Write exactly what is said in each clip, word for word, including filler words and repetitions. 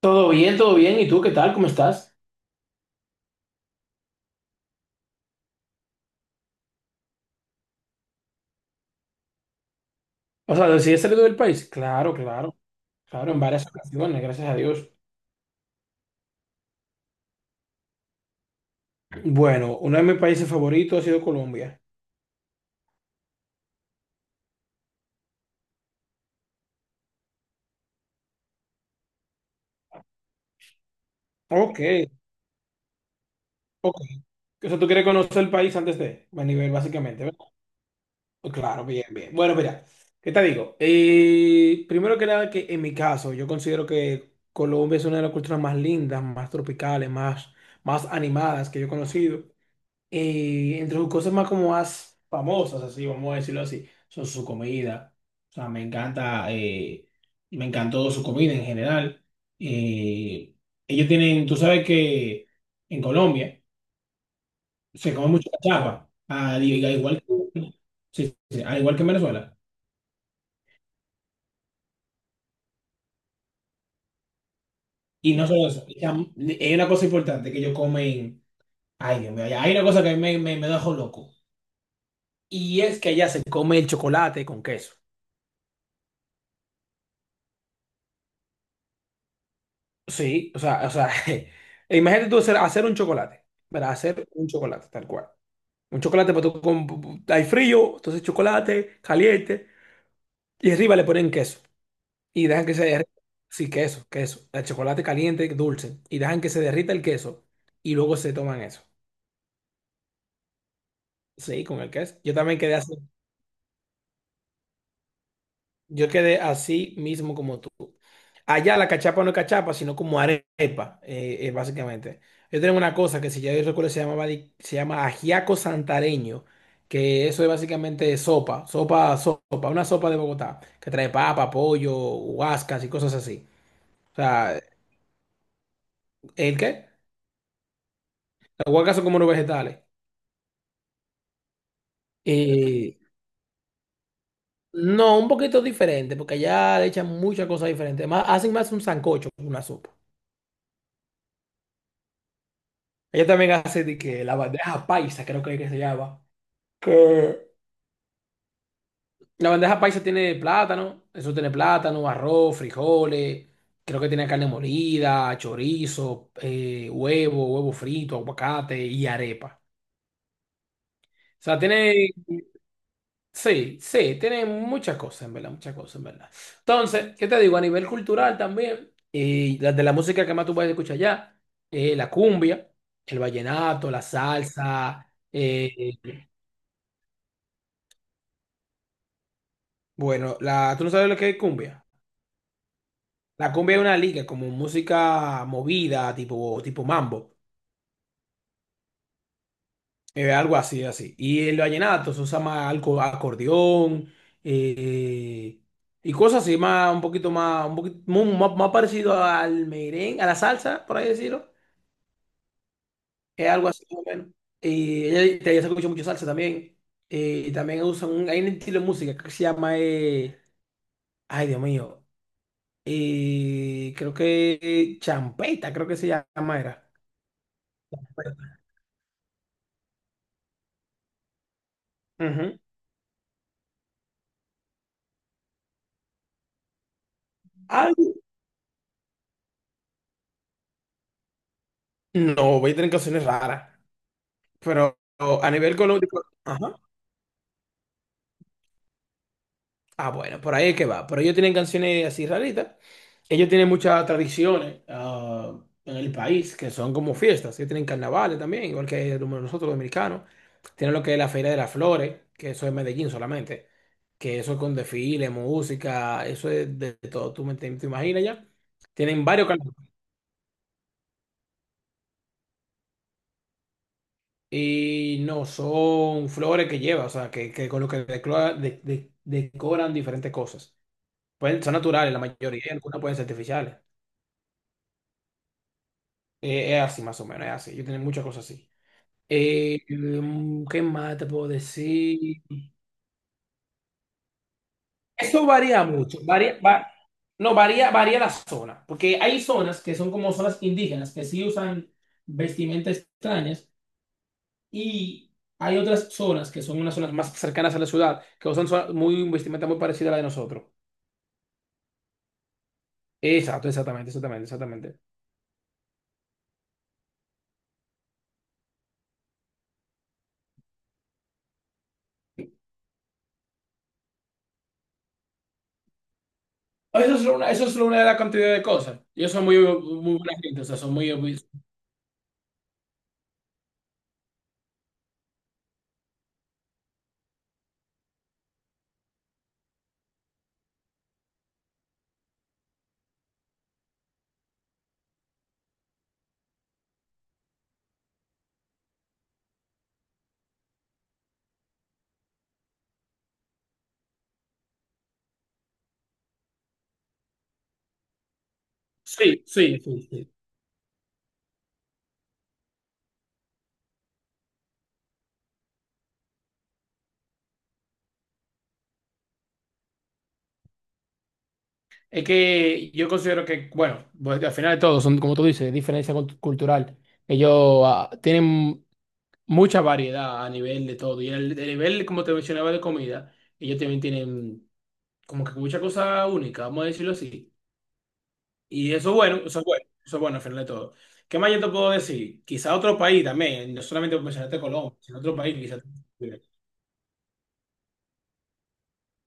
Todo bien, todo bien. ¿Y tú qué tal? ¿Cómo estás? O sea, ¿decidiste salir del país? Claro, claro, claro, en varias ocasiones, gracias a Dios. Bueno, uno de mis países favoritos ha sido Colombia. Ok, ok. O sea, tú quieres conocer el país antes de, a nivel básicamente, ¿verdad? Pues claro, bien, bien. Bueno, mira, ¿qué te digo? Eh, primero que nada, que en mi caso, yo considero que Colombia es una de las culturas más lindas, más tropicales, más, más animadas que yo he conocido. Eh, entre sus cosas más como más famosas, así, vamos a decirlo así, son su comida. O sea, me encanta, eh, me encantó su comida en general. Eh, Ellos tienen, tú sabes que en Colombia se come mucha cachapa, al, al igual que, sí, sí, al igual que en Venezuela. Y no solo eso, ya- hay una cosa importante que ellos comen, ay Dios mío, hay una cosa que a mí me, me, me dejó loco. Y es que allá se come el chocolate con queso. Sí, o sea, o sea, e imagínate tú hacer, hacer un chocolate, ¿verdad? Hacer un chocolate, tal cual. Un chocolate, pues tú con- hay frío, entonces chocolate, caliente, y arriba le ponen queso. Y dejan que se derrita. Sí, queso, queso. El chocolate caliente, dulce. Y dejan que se derrita el queso. Y luego se toman eso. Sí, con el queso. Yo también quedé así. Yo quedé así mismo como tú. Allá la cachapa no es cachapa, sino como arepa, eh, eh, básicamente. Yo tengo una cosa que si ya yo recuerdo se llamaba, di- se llama ajiaco santareño, que eso es básicamente sopa, sopa, sopa, una sopa de Bogotá, que trae papa, pollo, huascas y cosas así. O sea, ¿el qué? Las huascas son como unos vegetales. Eh, no, un poquito diferente, porque allá le echan muchas cosas diferentes. Más, hacen más un sancocho que una sopa. Ella también hace de que la bandeja paisa, creo que, es que se llama. Que la bandeja paisa tiene plátano, eso tiene plátano, arroz, frijoles, creo que tiene carne molida, chorizo, eh, huevo, huevo frito, aguacate y arepa. O sea, tiene, sí, sí, tiene muchas cosas, en verdad, muchas cosas, en verdad. Entonces, ¿qué te digo? A nivel cultural también, y la de la música que más tú puedes escuchar allá, eh, la cumbia, el vallenato, la salsa, eh, bueno, la, ¿tú no sabes lo que es cumbia? La cumbia es una liga, como música movida, tipo, tipo mambo, eh, algo así, así. Y el vallenato se usa más algo, acordeón eh, y cosas así, más, un poquito más, un poquito, mu- más, más parecido al merengue, a la salsa, por ahí decirlo. Es algo así, más o menos. Y ella, te- ella se escucha mucho salsa también. Eh, y también usan, un, hay un estilo de música que se llama, eh, ay Dios mío, eh, creo que eh, champeta, creo que se llama, era. Ujú. No, voy a tener canciones raras, pero a nivel económico, ajá. Ah, bueno, por ahí es que va. Pero ellos tienen canciones así raritas. Ellos tienen muchas tradiciones ah, en el país que son como fiestas. Ellos tienen carnavales también, igual que nosotros los dominicanos. Tienen lo que es la Feria de las Flores, que eso es Medellín solamente. Que eso es con desfile, música, eso es de todo. ¿Tú me te, te imaginas ya? Tienen varios carnavales. Y no, son flores que lleva, o sea, que, que con lo que decora- de- de- decoran diferentes cosas. Pueden, son naturales la mayoría, y algunas pueden ser artificiales. Eh, es así más o menos, es así. Yo tengo muchas cosas así. Eh, mm, ¿qué más te puedo decir? Eso varía mucho, varía, va- no, varía, varía la zona, porque hay zonas que son como zonas indígenas, que sí usan vestimentas extrañas, y hay otras zonas que son unas zonas más cercanas a la ciudad, que usan so- muy, vestimenta muy parecida a la de nosotros. Exacto, exactamente, exactamente, exactamente. Eso es una, eso es una de las cantidades de cosas. Ellos son muy, muy buena gente, o sea, son muy... muy- Sí, sí, sí, sí. Es que yo considero que, bueno, pues, al final de todo, son, como tú dices, diferencia cult- cultural. Ellos ah, tienen mucha variedad a nivel de todo. Y el, el nivel, como te mencionaba, de comida, ellos también tienen como que mucha cosa única, vamos a decirlo así. Y eso es bueno, eso es bueno, eso es bueno al final de todo. ¿Qué más yo te puedo decir? Quizá otro país también, no solamente mencionaste Colombia, sino otro país, quizá.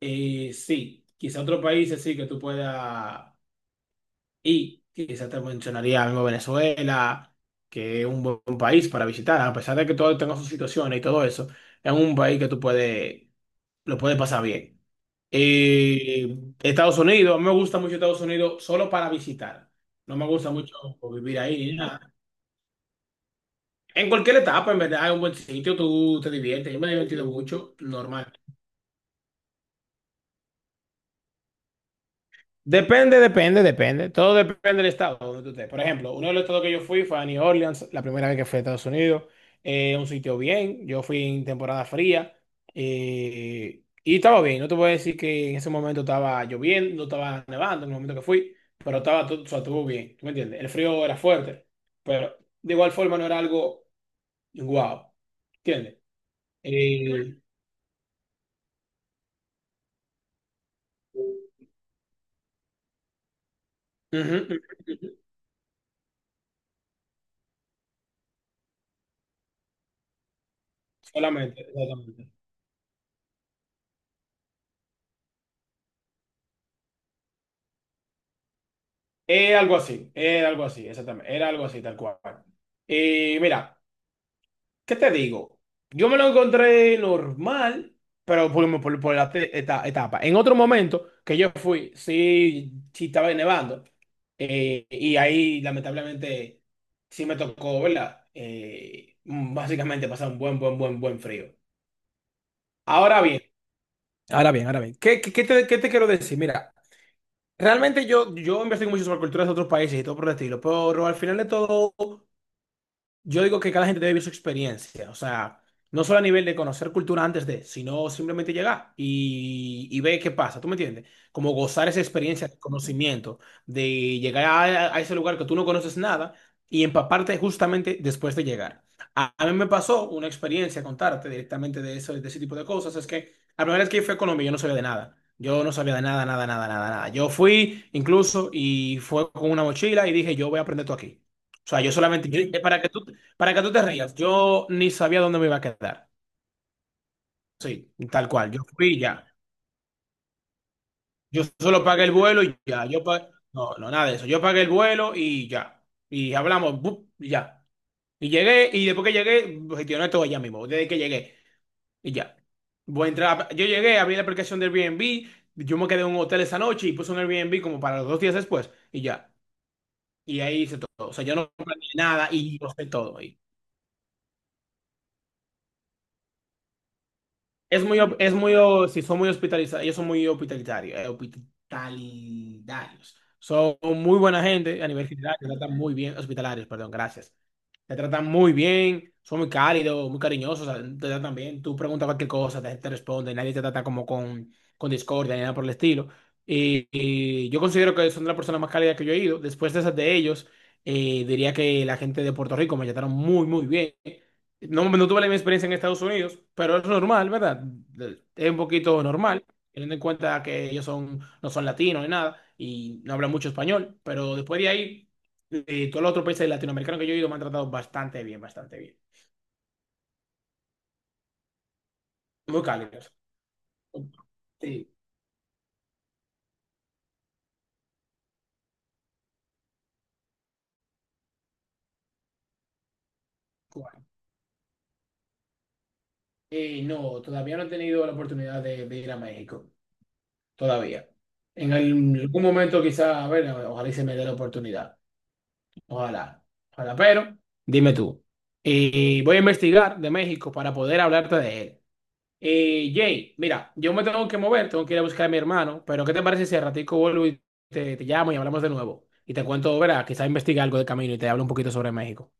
Eh, sí, quizá otro país así que tú puedas ir. Quizá te mencionaría mismo Venezuela, que es un buen país para visitar, a pesar de que todo tenga sus situaciones y todo eso, es un país que tú puedes, lo puedes pasar bien. Eh, Estados Unidos, a mí me gusta mucho Estados Unidos solo para visitar. No me gusta mucho vivir ahí ni nada. En cualquier etapa, en verdad, es un buen sitio, tú te diviertes. Yo me he divertido mucho, normal. Depende, depende, depende. Todo depende del estado donde tú estés. Por ejemplo, uno de los estados que yo fui fue a New Orleans, la primera vez que fui a Estados Unidos. Eh, un sitio bien. Yo fui en temporada fría. Eh, y estaba bien. No te voy a decir que en ese momento estaba lloviendo, no estaba nevando en el momento que fui, pero estaba todo, o sea, estuvo bien. ¿Tú me entiendes? El frío era fuerte, pero de igual forma no era algo guau. ¿Entiendes? Eh, Ujú, ujú, ujú. Solamente, exactamente. Era algo así, era algo así, exactamente. Era algo así, tal cual. Y mira, ¿qué te digo? Yo me lo encontré normal, pero por, por, por la te- eta- etapa. En otro momento que yo fui, sí, sí estaba nevando. Eh, y ahí, lamentablemente, sí me tocó, ¿verdad? Eh, mm, básicamente pasar un buen, buen, buen, buen frío. Ahora bien, ahora bien, ahora bien. ¿Qué, qué- qué te, qué te quiero decir? Mira. Realmente yo, yo investigo mucho sobre culturas de otros países y todo por el estilo, pero al final de todo yo digo que cada gente debe vivir su experiencia, o sea, no solo a nivel de conocer cultura antes de, sino simplemente llegar y, y ver qué pasa, ¿tú me entiendes? Como gozar esa experiencia de conocimiento, de llegar a, a ese lugar que tú no conoces nada y empaparte justamente después de llegar. A, a mí me pasó una experiencia, contarte directamente de eso, de ese tipo de cosas, es que la primera vez que fui a Colombia yo no sabía de nada. Yo no sabía de nada, nada, nada, nada, nada. Yo fui incluso y fue con una mochila y dije, yo voy a aprender todo aquí. O sea, yo solamente, yo- eh, para que tú, para que tú te rías, yo ni sabía dónde me iba a quedar. Sí, tal cual. Yo fui y ya. Yo solo pagué el vuelo y ya. Yo pa- No, no, nada de eso. Yo pagué el vuelo y ya. Y hablamos, bup, y ya. Y llegué, y después que llegué, gestioné todo allá mismo. Desde que llegué, y ya. Voy a entrar. a- Yo llegué, abrí la aplicación del Airbnb. Yo me quedé en un hotel esa noche y puse un Airbnb como para los dos días después, y ya. Y ahí hice todo. O sea, yo no planeé nada y yo sé todo. Es muy, op- es muy, o- sí, son muy hospitalizados, ellos son muy hospitalitarios, eh, hospitalidarios. Son muy buena gente a nivel general, te tratan muy bien, hospitalarios, perdón, gracias. Te tratan muy bien, son muy cálidos, muy cariñosos, o sea, te tratan bien. Tú preguntas cualquier cosa, te, te responde, nadie te trata como con, con discordia ni nada por el estilo. Y, y yo considero que son de las personas más cálidas que yo he ido. Después de esas de ellos, eh, diría que la gente de Puerto Rico me trataron muy, muy bien. No, no tuve la misma experiencia en Estados Unidos, pero es normal, ¿verdad? Es un poquito normal, teniendo en cuenta que ellos son, no son latinos ni nada y no hablan mucho español, pero después de ahí, eh, todos los otros países latinoamericanos que yo he ido me han tratado bastante bien, bastante bien. Muy cálidos. Sí, Cuba. Eh, no, todavía no he tenido la oportunidad de, de ir a México, todavía. En algún momento quizá, a ver, ojalá y se me dé la oportunidad. Ojalá, ojalá, pero dime tú. Y voy a investigar de México para poder hablarte de él. Eh, Jay, mira, yo me tengo que mover, tengo que ir a buscar a mi hermano, pero ¿qué te parece si al ratico vuelvo y te, te llamo y hablamos de nuevo? Y te cuento, verá, quizás investigue algo de camino y te hablo un poquito sobre México.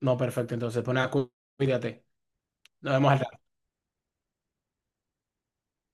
No, perfectto, entonces, pues nada, cu- cuídate. Nos vemos al